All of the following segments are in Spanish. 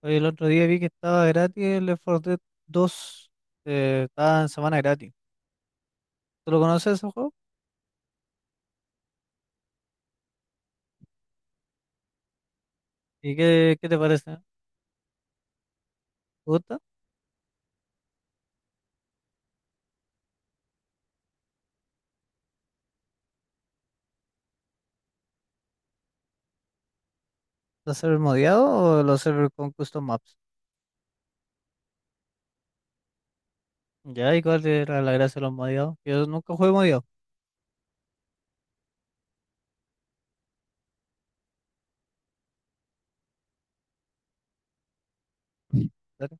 Oye, el otro día vi que estaba gratis el Left 4 Dead 2. Estaba en semana gratis. ¿Tú lo conoces ese juego? ¿Y qué te parece? ¿Te gusta? ¿Los servers modiados o los servers con custom maps? Ya, ¿y cuál era la gracia de los modiados? Yo nunca jugué modiado. Claro.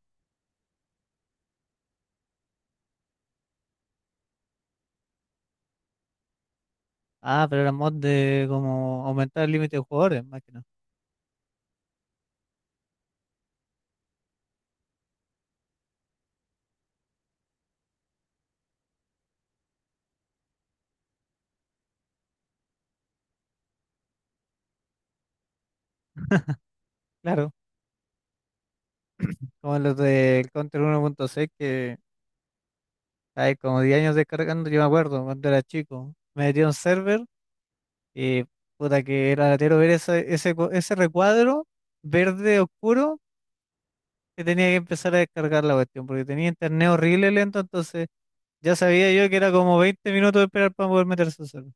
Ah, pero era mod de como aumentar el límite de jugadores, más que nada. Claro, como los del Counter 1.6 que hay como 10 años descargando, yo me acuerdo cuando era chico. Me metí a un server y puta que era latero ver ese recuadro verde oscuro que tenía que empezar a descargar la cuestión, porque tenía internet horrible lento, entonces ya sabía yo que era como 20 minutos de esperar para poder meterse al server.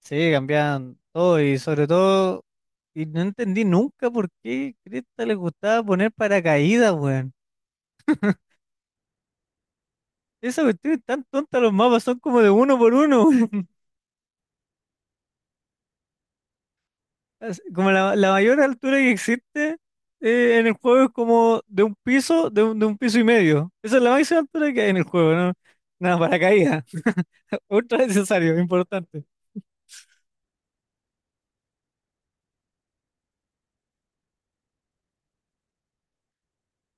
Sí, cambiaban todo y sobre todo, y no entendí nunca por qué Cresta les gustaba poner paracaídas, weón. Esa cuestión es tan tonta, los mapas son como de uno por uno. Así- como la mayor altura que existe en el juego es como de un piso, de un piso y medio. Esa es la máxima altura que hay en el juego, ¿no? Nada, paracaídas. Ultra necesario, importante.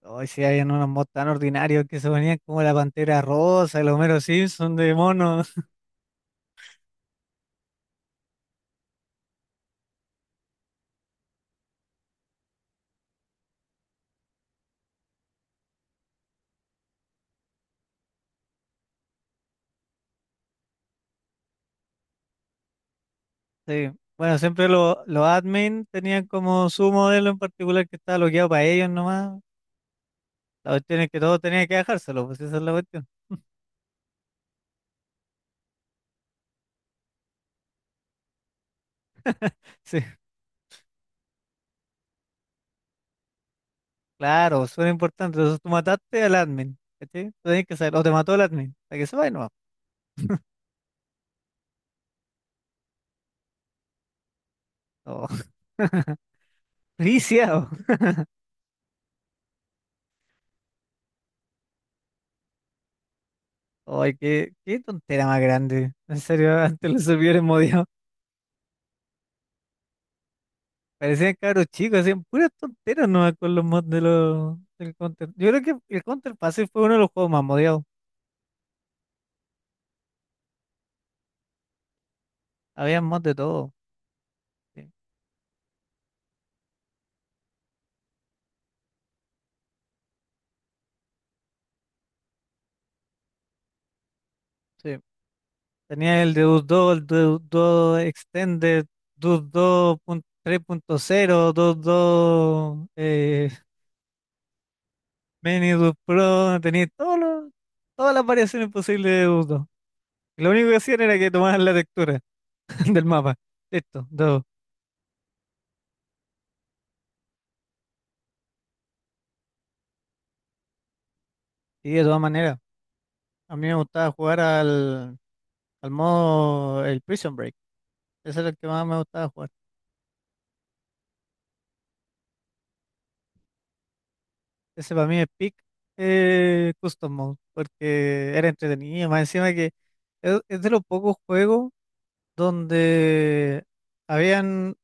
Hoy sí habían unos mods tan ordinarios que se ponían como la Pantera Rosa, el Homero Simpson de monos. Sí. Bueno, siempre lo- los admin tenían como su modelo en particular que estaba bloqueado para ellos nomás. La cuestión es que todos tenían que dejárselo, pues esa es la cuestión. Claro, son importantes. Entonces tú mataste al admin, ¿cachai? Tú tenés que saber, o te mató el admin, para que se y no. Oh. Viciado. Ay, qué tontera más grande. En serio, antes los servidores modiados parecían cabros chicos, hacían puras tonteras nomás con los mods de los, del Counter. Yo creo que el Counter Pacific fue uno de los juegos más modiados. Había mods de todo. Sí, sí. Tenía el Deus 2, el Deus 2 Extended, Deus dos punto tres punto cero, Deus 2. Mini Dude Pro, tenía todos los- todas las variaciones posibles de Udo. Lo único que hacían era que tomaban la textura del mapa. Listo, todo. Y de todas maneras, a mí me gustaba jugar al modo, el Prison Break. Ese era el que más me gustaba jugar. Ese para mí es peak custom mode, porque era entretenido. Más encima que es de los pocos juegos donde habían,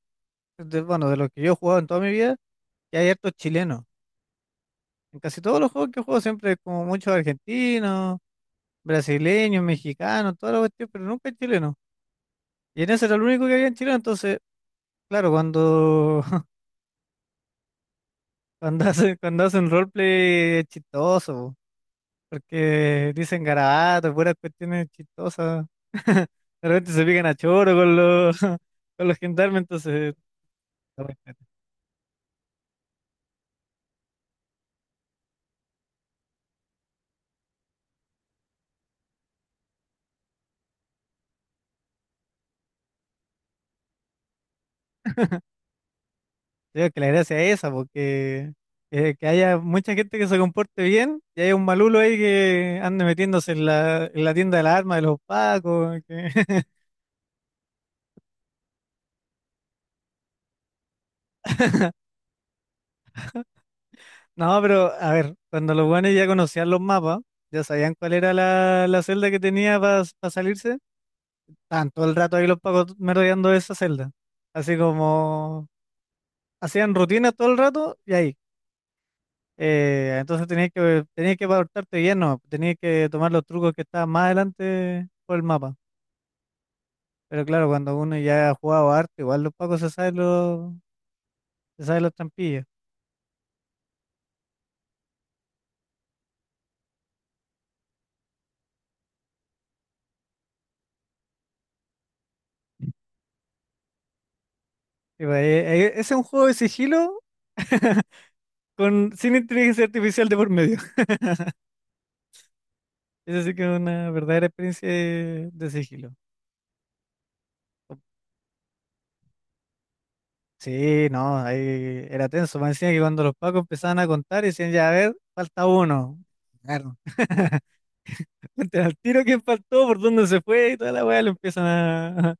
de- bueno, de los que yo he jugado en toda mi vida, que hay hartos chilenos. En casi todos los juegos que juego siempre es como muchos argentinos, brasileños, mexicanos, toda la cuestión, pero nunca es chileno. Y en ese era el único que había en Chile, entonces, claro, cuando, cuando hacen roleplay es chistoso, porque dicen garabatos, puras cuestiones chistosas. De repente se pican a choro con los, con los gendarmes, entonces, creo que la gracia es esa, porque que haya mucha gente que se comporte bien y haya un malulo ahí que ande metiéndose en la tienda de las armas de los pacos. Que- no, pero a ver, cuando los buenos ya conocían los mapas, ya sabían cuál era la celda que tenía para salirse, estaban todo el rato ahí los pacos merodeando esa celda. Así como hacían rutinas todo el rato y ahí. Entonces tenías que portarte bien, no, tenías que tomar los trucos que estaban más adelante por el mapa. Pero claro, cuando uno ya ha jugado harto, igual los pacos se saben los trampillas. Y pues, ese es un juego de sigilo con, sin inteligencia artificial de por medio. Eso sí que es una verdadera experiencia de sigilo. Sí, no, ahí era tenso. Me decían que cuando los pacos empezaban a contar, decían, ya, a ver, falta uno. Claro. Cuenten al tiro quién faltó, por dónde se fue y toda la weá, lo empiezan a,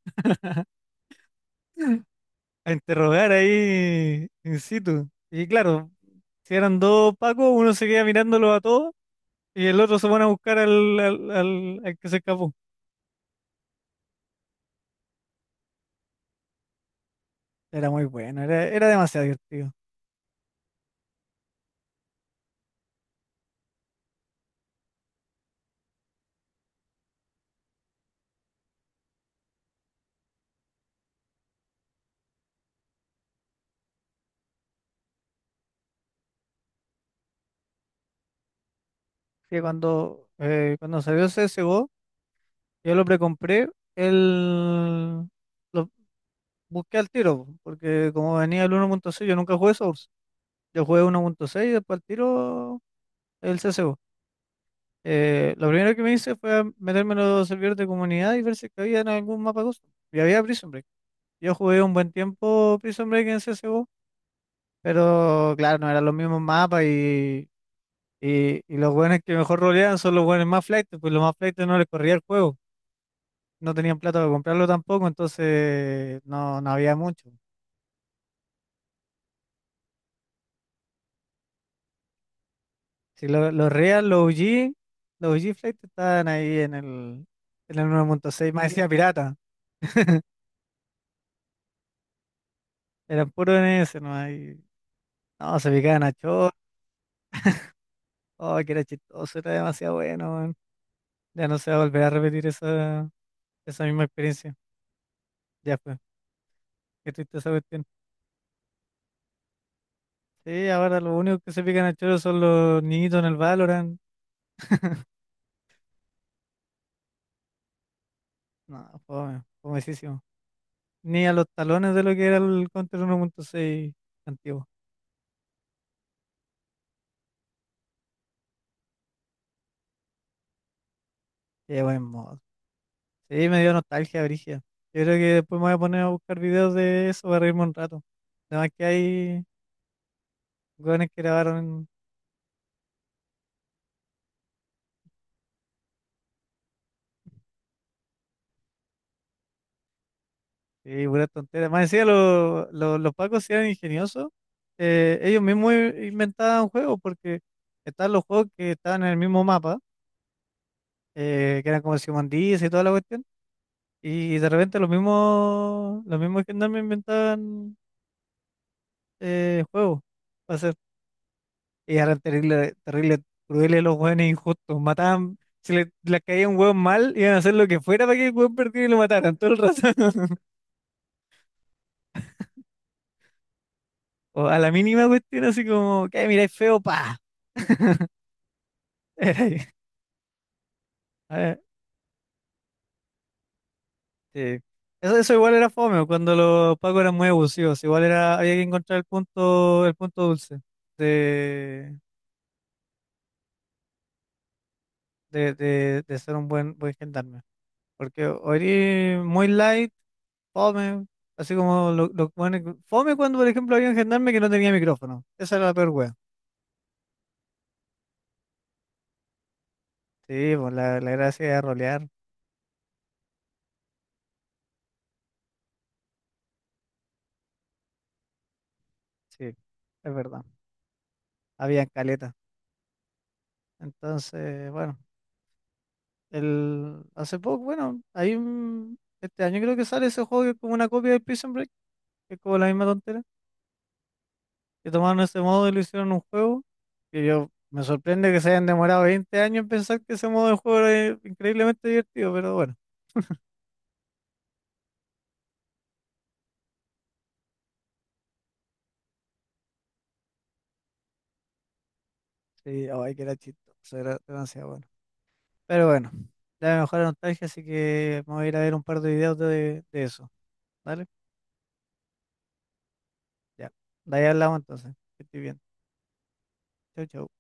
a interrogar ahí in situ. Y claro, si eran dos Pacos, uno se queda mirándolos a todos y el otro se pone a buscar al que se escapó. Era muy bueno, era, era demasiado divertido. Sí, cuando, cuando salió el CSGO, yo lo precompré, el... lo busqué al tiro, po, porque como venía el 1.6, yo nunca jugué Source. Yo jugué 1.6 y después al tiro el CSGO. Lo primero que me hice fue meterme en los servidores de comunidad y ver si es que había en algún mapa custom. Y había Prison Break. Yo jugué un buen tiempo Prison Break en CSGO. Pero claro, no eran los mismos mapas y los buenos que mejor roleaban son los buenos más flaites, pues los más flaites no les corría el juego, no tenían plata para comprarlo tampoco, entonces no, no había mucho. Si lo- los real, los O g flaites estaban ahí en el uno punto seis más decía pirata, eran puros en ese no hay, no, se picaban a chor, oh, que era chistoso, era demasiado bueno, weón. Ya no se va a volver a repetir esa, esa misma experiencia, ya fue, qué triste esa cuestión. Sí, ahora lo único que se pican a choro son los niñitos en el Valorant. No, fome, fomesísimo. Ni a los talones de lo que era el Counter uno punto seis antiguo. Qué buen modo. Sí, me dio nostalgia, Brigia. Yo creo que después me voy a poner a buscar videos de eso para reírme un rato. Además que hay jóvenes que grabaron y pura tontera. Más decía, los pacos sí eran ingeniosos. Ellos mismos i- inventaban juegos porque estaban los juegos que estaban en el mismo mapa, que eran como el Simón Dice y toda la cuestión. Y de repente los mismos gendarmes inventaban juegos para hacer. Y eran terrible, crueles los hueones injustos. Mataban, si les caía un hueón mal, iban a hacer lo que fuera para que el hueón perdiera y lo mataran todo el rato. O a la mínima cuestión, así como, que miráis feo, pa. Era ahí. A ver, sí. Eso igual era fome, cuando los pacos eran muy abusivos. Igual era, había que encontrar el punto dulce de, de ser un buen gendarme. Porque o eres muy light, fome, así como lo bueno que- fome cuando, por ejemplo, había un gendarme que no tenía micrófono. Esa era la peor wea. Sí, pues la gracia era rolear. Sí, es verdad. Había caleta. Entonces, bueno, el, hace poco, bueno, hay un, este año creo que sale ese juego que es como una copia de Prison Break, que es como la misma tontera, que tomaron ese modo y lo hicieron un juego, que yo me sorprende que se hayan demorado 20 años en pensar que ese modo de juego era increíblemente divertido, pero bueno. Sí, ay, que era chistoso, era demasiado bueno. Pero bueno, ya me mejor la nostalgia, así que vamos a ir a ver un par de videos de eso. ¿Vale? Ya. De ahí hablamos entonces. Que estoy bien. Chau, chau.